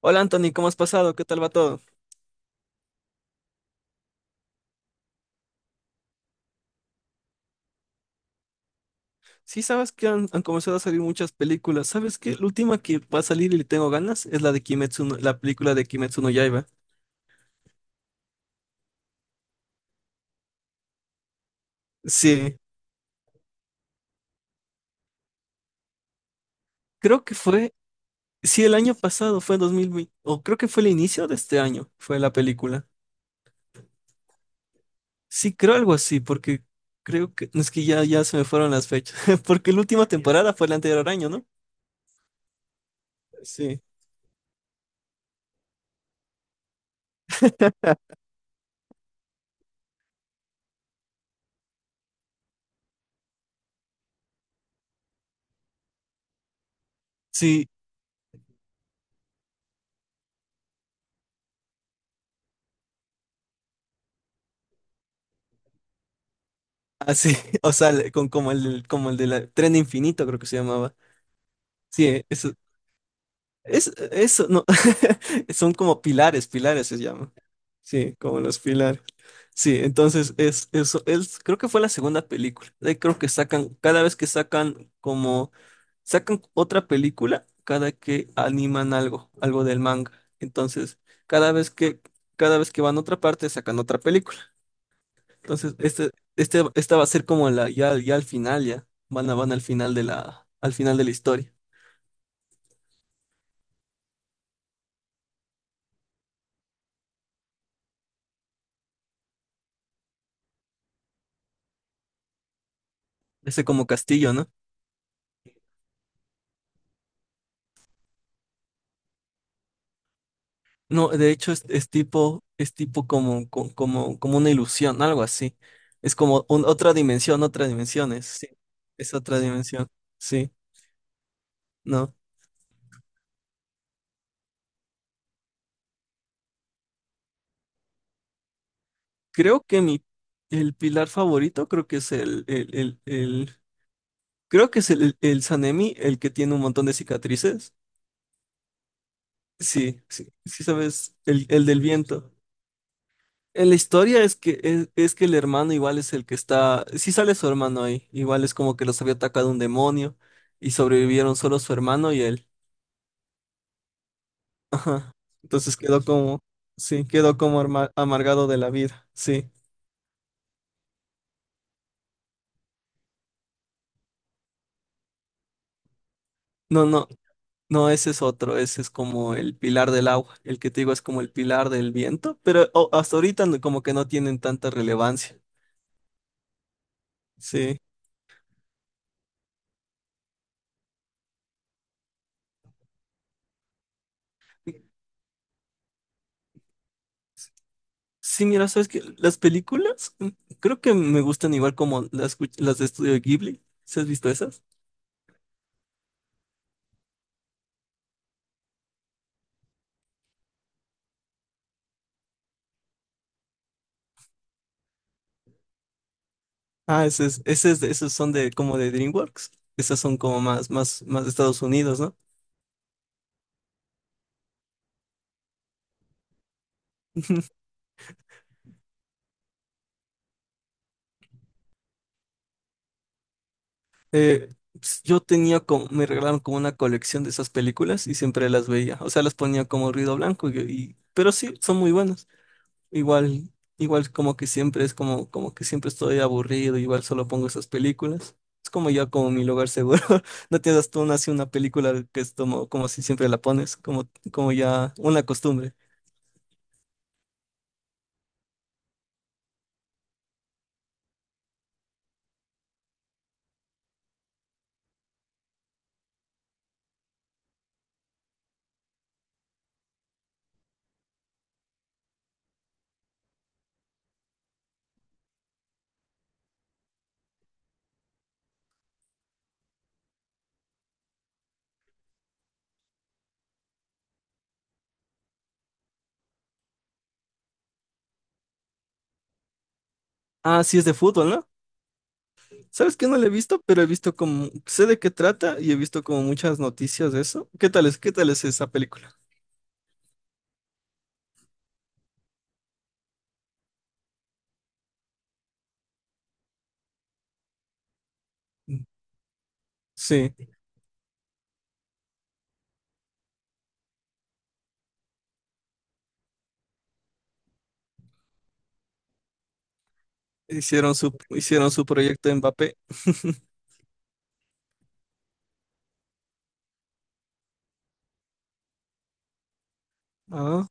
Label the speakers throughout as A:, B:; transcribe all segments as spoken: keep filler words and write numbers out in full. A: Hola Anthony, ¿cómo has pasado? ¿Qué tal va todo? Sí, sabes que han, han comenzado a salir muchas películas. ¿Sabes qué? La última que va a salir y le tengo ganas es la de Kimetsu, no- la película de Kimetsu no Yaiba. Sí, creo que fue, sí, el año pasado, fue en dos mil veinte, o creo que fue el inicio de este año, fue la película. Sí, creo algo así, porque creo que, es que ya, ya se me fueron las fechas, porque la última temporada fue el anterior año, ¿no? Sí, sí, así, o sea, le- con, como el, como el de la Tren Infinito, creo que se llamaba. Sí, eso. Es, eso, no. Son como pilares, pilares se llaman. Sí, como los pilares. Sí, entonces es eso. Es, creo que fue la segunda película. Eh, Creo que sacan, cada vez que sacan como, sacan otra película, cada que animan algo, algo del manga. Entonces, cada vez que, cada vez que van a otra parte, sacan otra película. Entonces, este, este, esta va a ser como la, ya, ya al final, ya. Van a, van al final de la, al final de la historia. Ese como castillo, ¿no? No, de hecho es, es tipo, es tipo como, co- como, como una ilusión, algo así. Es como un- otra dimensión, otra dimensión, es, sí, es otra dimensión, sí, no. Creo que mi, el pilar favorito creo que es el, el, el, el- creo que es el, el Sanemi, el que tiene un montón de cicatrices. Sí, sí, sí sabes, el, el del viento. Eh, La historia es que es, es que el hermano igual es el que está, sí sale su hermano ahí, igual es como que los había atacado un demonio y sobrevivieron solo su hermano y él. Ajá. Entonces quedó como, sí, quedó como arma- amargado de la vida, sí. No, no, no, ese es otro, ese es como el pilar del agua, el que te digo es como el pilar del viento, pero oh, hasta ahorita no- como que no tienen tanta relevancia, sí. Sí, mira, sabes que las películas mm, creo que me gustan igual como las, cu- las de Estudio Ghibli. ¿Sí has visto esas? Ah, ese es, ese es de- esos son de como de DreamWorks. Esas son como más, más, más de Estados Unidos, ¿no? Eh, pues, yo tenía como, me regalaron como una colección de esas películas y siempre las veía. O sea, las ponía como ruido blanco y, y- pero sí, son muy buenas. Igual, igual como que siempre es como, como que siempre estoy aburrido, igual solo pongo esas películas. Es como ya como mi lugar seguro. No tienes tú una, así una película que es como, como si siempre la pones, como, como ya una costumbre. Ah, sí es de fútbol, ¿no? ¿Sabes que no la he visto? Pero he visto como, sé de qué trata y he visto como muchas noticias de eso. ¿Qué tal es, qué tal es esa película? Sí, hicieron su, hicieron su proyecto en Mbappé. Ah.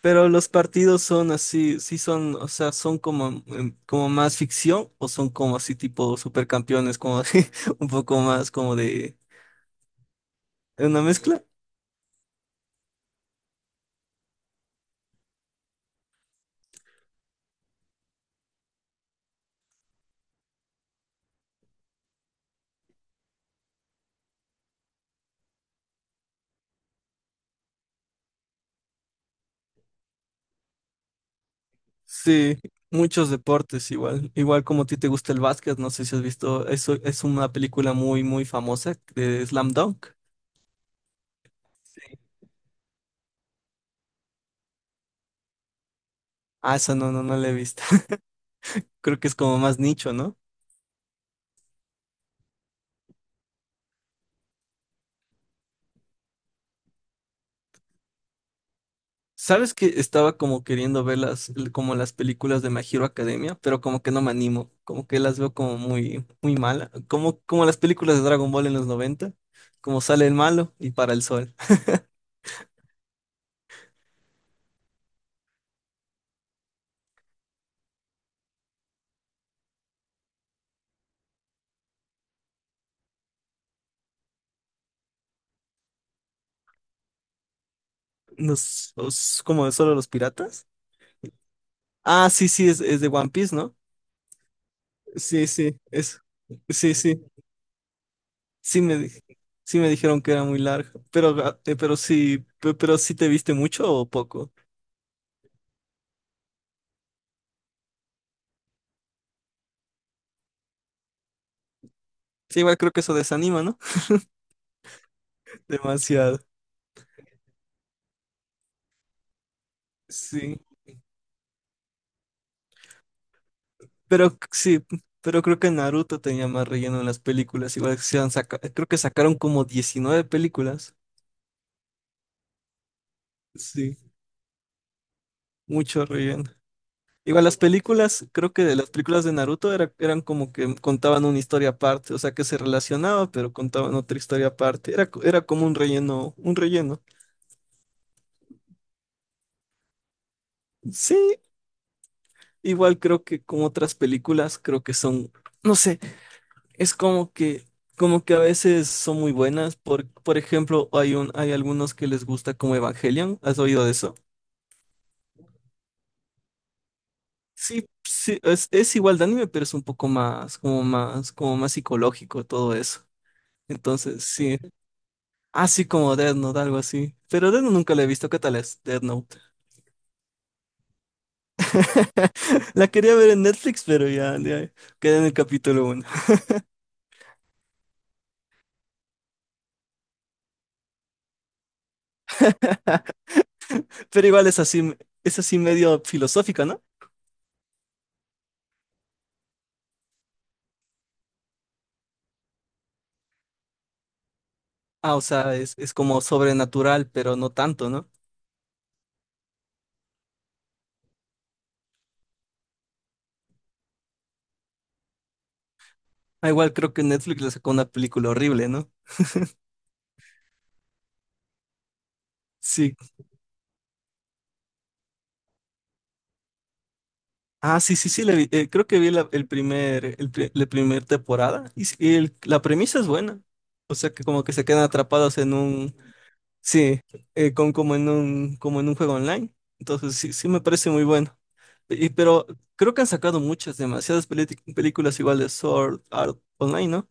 A: Pero los partidos son así, sí son, o sea, son como, em, como más ficción o son como así tipo supercampeones, como de- un poco más como de una mezcla. Sí, muchos deportes igual, igual como a ti te gusta el básquet, no sé si has visto, eso es una película muy, muy famosa de Slam Dunk. Ah, esa no, no, no la he visto. Creo que es como más nicho, ¿no? Sabes que estaba como queriendo ver las, como las películas de My Hero Academia, pero como que no me animo, como que las veo como muy, muy mala, como, como las películas de Dragon Ball en los noventa, como sale el malo y para el sol. Los, los- como de solo los piratas. Ah, sí, sí, es, es de One Piece, ¿no? Sí, sí, es, sí, sí, sí me, di- sí me dijeron que era muy larga, pero, ga- eh, pero sí, pe- pero sí te viste mucho o poco. Sí, igual creo que eso desanima, ¿no? Demasiado. Sí. Pero sí, pero creo que Naruto tenía más relleno en las películas. Igual que se han saca- creo que sacaron como diecinueve películas. Sí, mucho relleno. Igual las películas, creo que de las películas de Naruto era- eran como que contaban una historia aparte, o sea que se relacionaba, pero contaban otra historia aparte. Era, co- era como un relleno, un relleno. Sí, igual creo que como otras películas, creo que son, no sé, es como que, como que a veces son muy buenas. Por, por ejemplo, hay un, hay algunos que les gusta como Evangelion. ¿Has oído de eso? Sí, sí, es, es igual de anime, pero es un poco más, como más, como más psicológico todo eso. Entonces, sí. Así como Death Note, algo así. Pero Death Note nunca la he visto. ¿Qué tal es Death Note? La quería ver en Netflix, pero ya, ya quedé en el capítulo uno. Pero igual es así, es así medio filosófica, ¿no? Ah, o sea, es, es como sobrenatural, pero no tanto, ¿no? Ah, igual creo que Netflix le sacó una película horrible, ¿no? Sí. Ah, sí, sí, sí, la vi. Eh, creo que vi la, el primer, el, pri- la primer temporada y, sí, y el- la premisa es buena. O sea que como que se quedan atrapados en un, sí, eh, con, como en un, como en un juego online. Entonces sí, sí me parece muy bueno. Y, pero creo que han sacado muchas, demasiadas peli- películas igual de Sword Art Online, ¿no?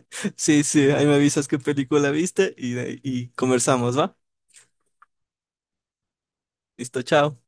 A: Sí, sí, ahí me avisas qué película viste y, de- y conversamos, ¿va? Listo, chao.